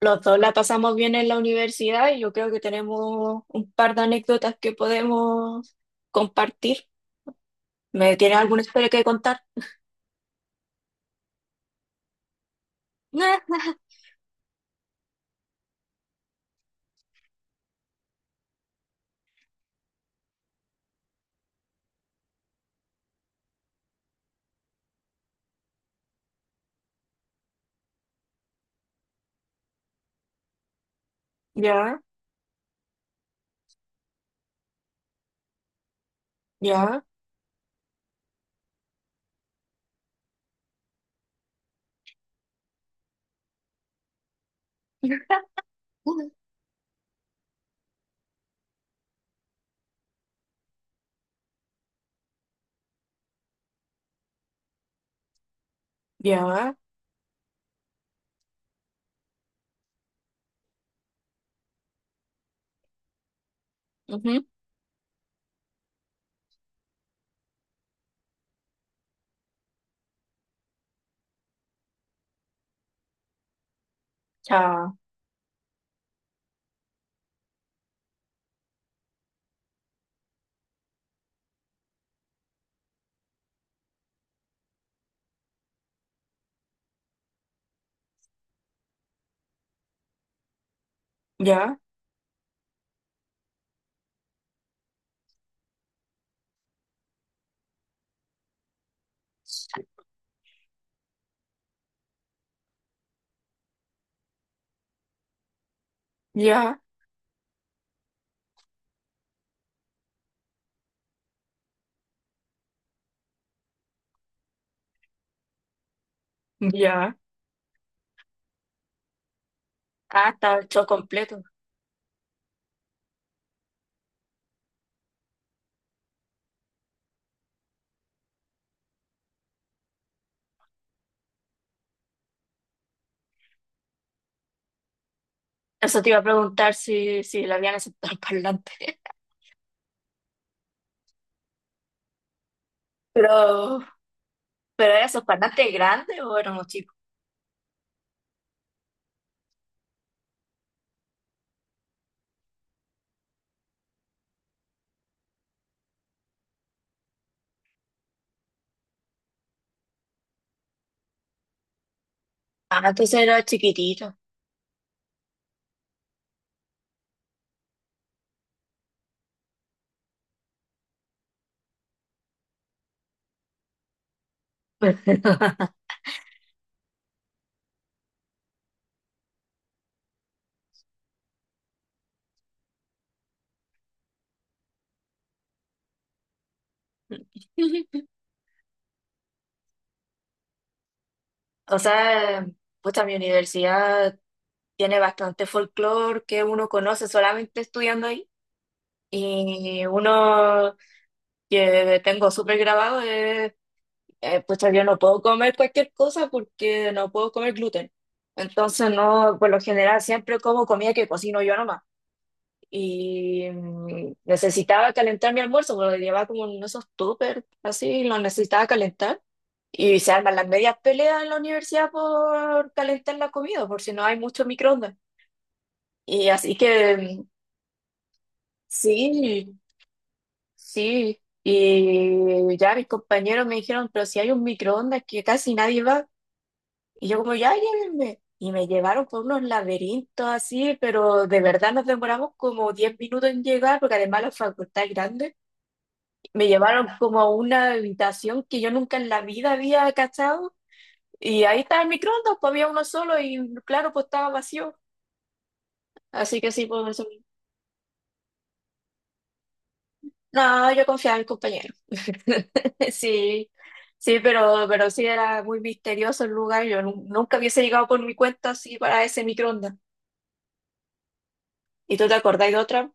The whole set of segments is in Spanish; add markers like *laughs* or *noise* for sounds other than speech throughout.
Los dos la pasamos bien en la universidad y yo creo que tenemos un par de anécdotas que podemos compartir. ¿Me tienes alguna historia que contar? *laughs* Ya, ya, ya, Ujú. Ya, ya, ya, ya. Ah, está el show completo. Eso te iba a preguntar si, le habían aceptado el parlante. *laughs* Pero, pero ¿era esos parlantes grandes o éramos chicos? Ah, entonces era chiquitito. *laughs* O sea, pues mi universidad tiene bastante folclore que uno conoce solamente estudiando ahí. Y uno que tengo súper grabado es, pucha, yo no puedo comer cualquier cosa porque no puedo comer gluten. Entonces, no, por lo general siempre como comida que cocino yo nomás. Y necesitaba calentar mi almuerzo, porque lo llevaba como en esos tuppers, así, lo necesitaba calentar. Y se arman las medias peleas en la universidad por calentar la comida, por si no hay mucho microondas. Y así que sí, sí. Y ya mis compañeros me dijeron, pero si hay un microondas que casi nadie va. Y yo como, ya llévenme. Y me llevaron por unos laberintos así, pero de verdad nos demoramos como 10 minutos en llegar, porque además la facultad es grande. Me llevaron como a una habitación que yo nunca en la vida había cachado. Y ahí estaba el microondas, pues había uno solo y claro, pues estaba vacío. Así que sí, pues eso. No, yo confiaba en mis compañeros. *laughs* Sí, sí, pero sí era muy misterioso el lugar. Yo nunca hubiese llegado por mi cuenta así para ese microondas. ¿Y tú te acordás de otra?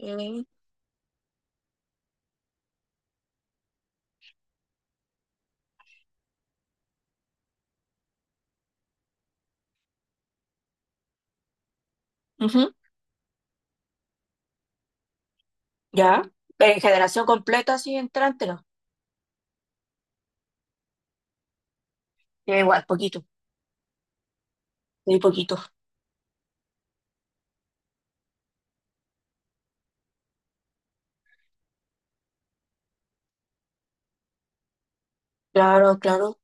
Mm, ujú. Ya. En generación completa, así entrante, no. Ya. Igual, poquito, muy poquito. Claro, claro.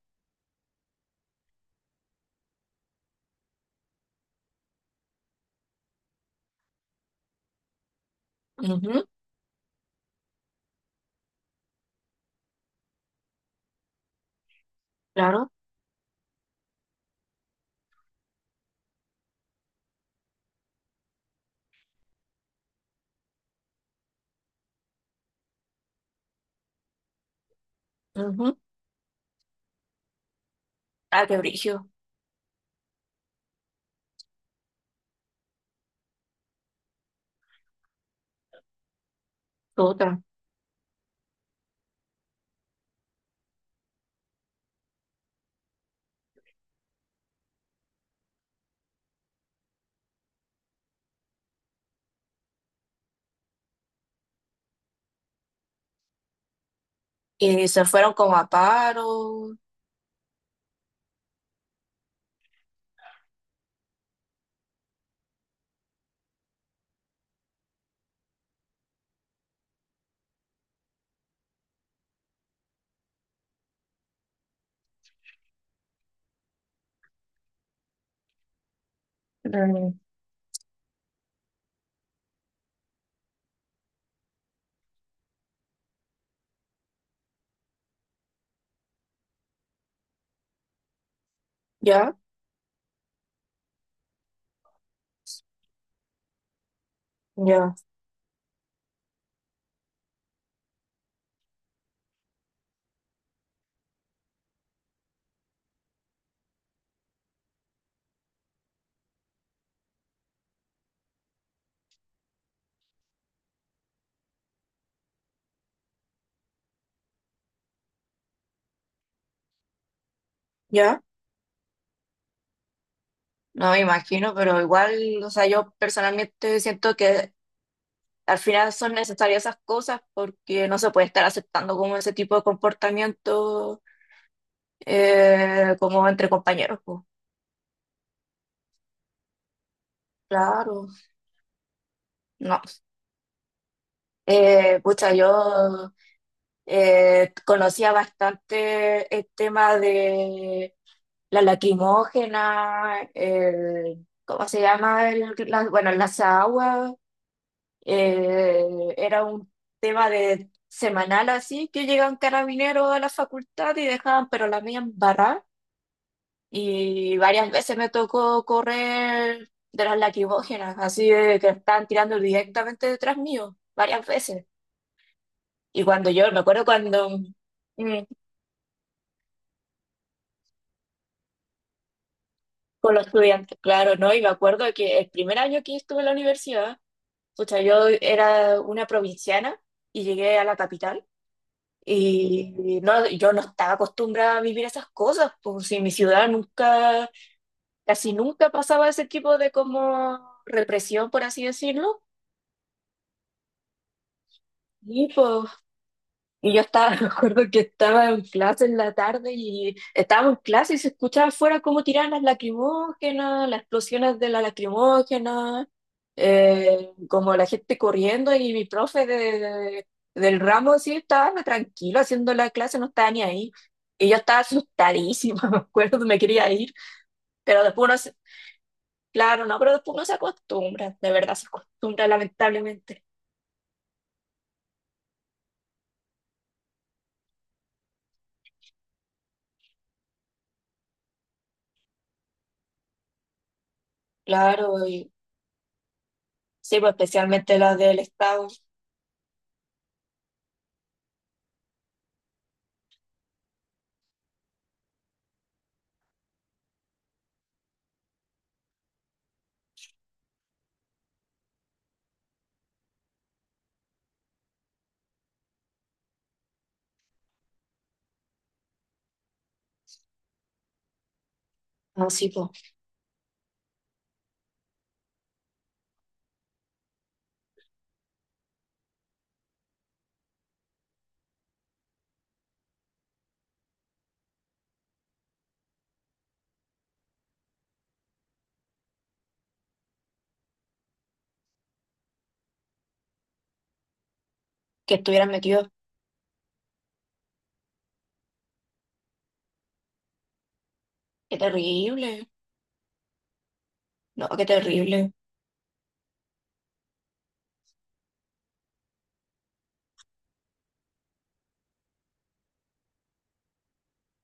Ujú, claro. Ujú. Ah, qué brillo. Otra. Y se fueron como a paro. Ya, ya, ya. No me imagino, pero igual, o sea, yo personalmente siento que al final son necesarias esas cosas porque no se puede estar aceptando como ese tipo de comportamiento como entre compañeros, pues. Claro, no. Pucha, yo conocía bastante el tema de la lacrimógena, el ¿cómo se llama? El, la, bueno, las aguas. Era un tema de semanal así, que llegaban carabineros a la facultad y dejaban, pero la mía embarrada. Y varias veces me tocó correr de las lacrimógenas, así de que estaban tirando directamente detrás mío, varias veces. Y cuando yo, me acuerdo cuando, mm, con los estudiantes, claro, ¿no? Y me acuerdo que el primer año que estuve en la universidad, pucha, yo era una provinciana y llegué a la capital. Y no, yo no estaba acostumbrada a vivir esas cosas, pues si en mi ciudad nunca, casi nunca pasaba ese tipo de como represión, por así decirlo. Y pues, y yo estaba, *laughs* me acuerdo que estaba en clase en la tarde y estábamos en clase y se escuchaba afuera cómo tiraban las lacrimógenas, las explosiones de la lacrimógena, como la gente corriendo y mi profe del ramo sí estaba tranquilo haciendo la clase, no estaba ni ahí. Y yo estaba asustadísima, *laughs* me acuerdo, me quería ir, pero después uno se, claro, no, pero después uno se acostumbra, de verdad se acostumbra lamentablemente. Claro, y sí, pues especialmente las del Estado, así que estuvieran metidos. Qué terrible. No, qué terrible.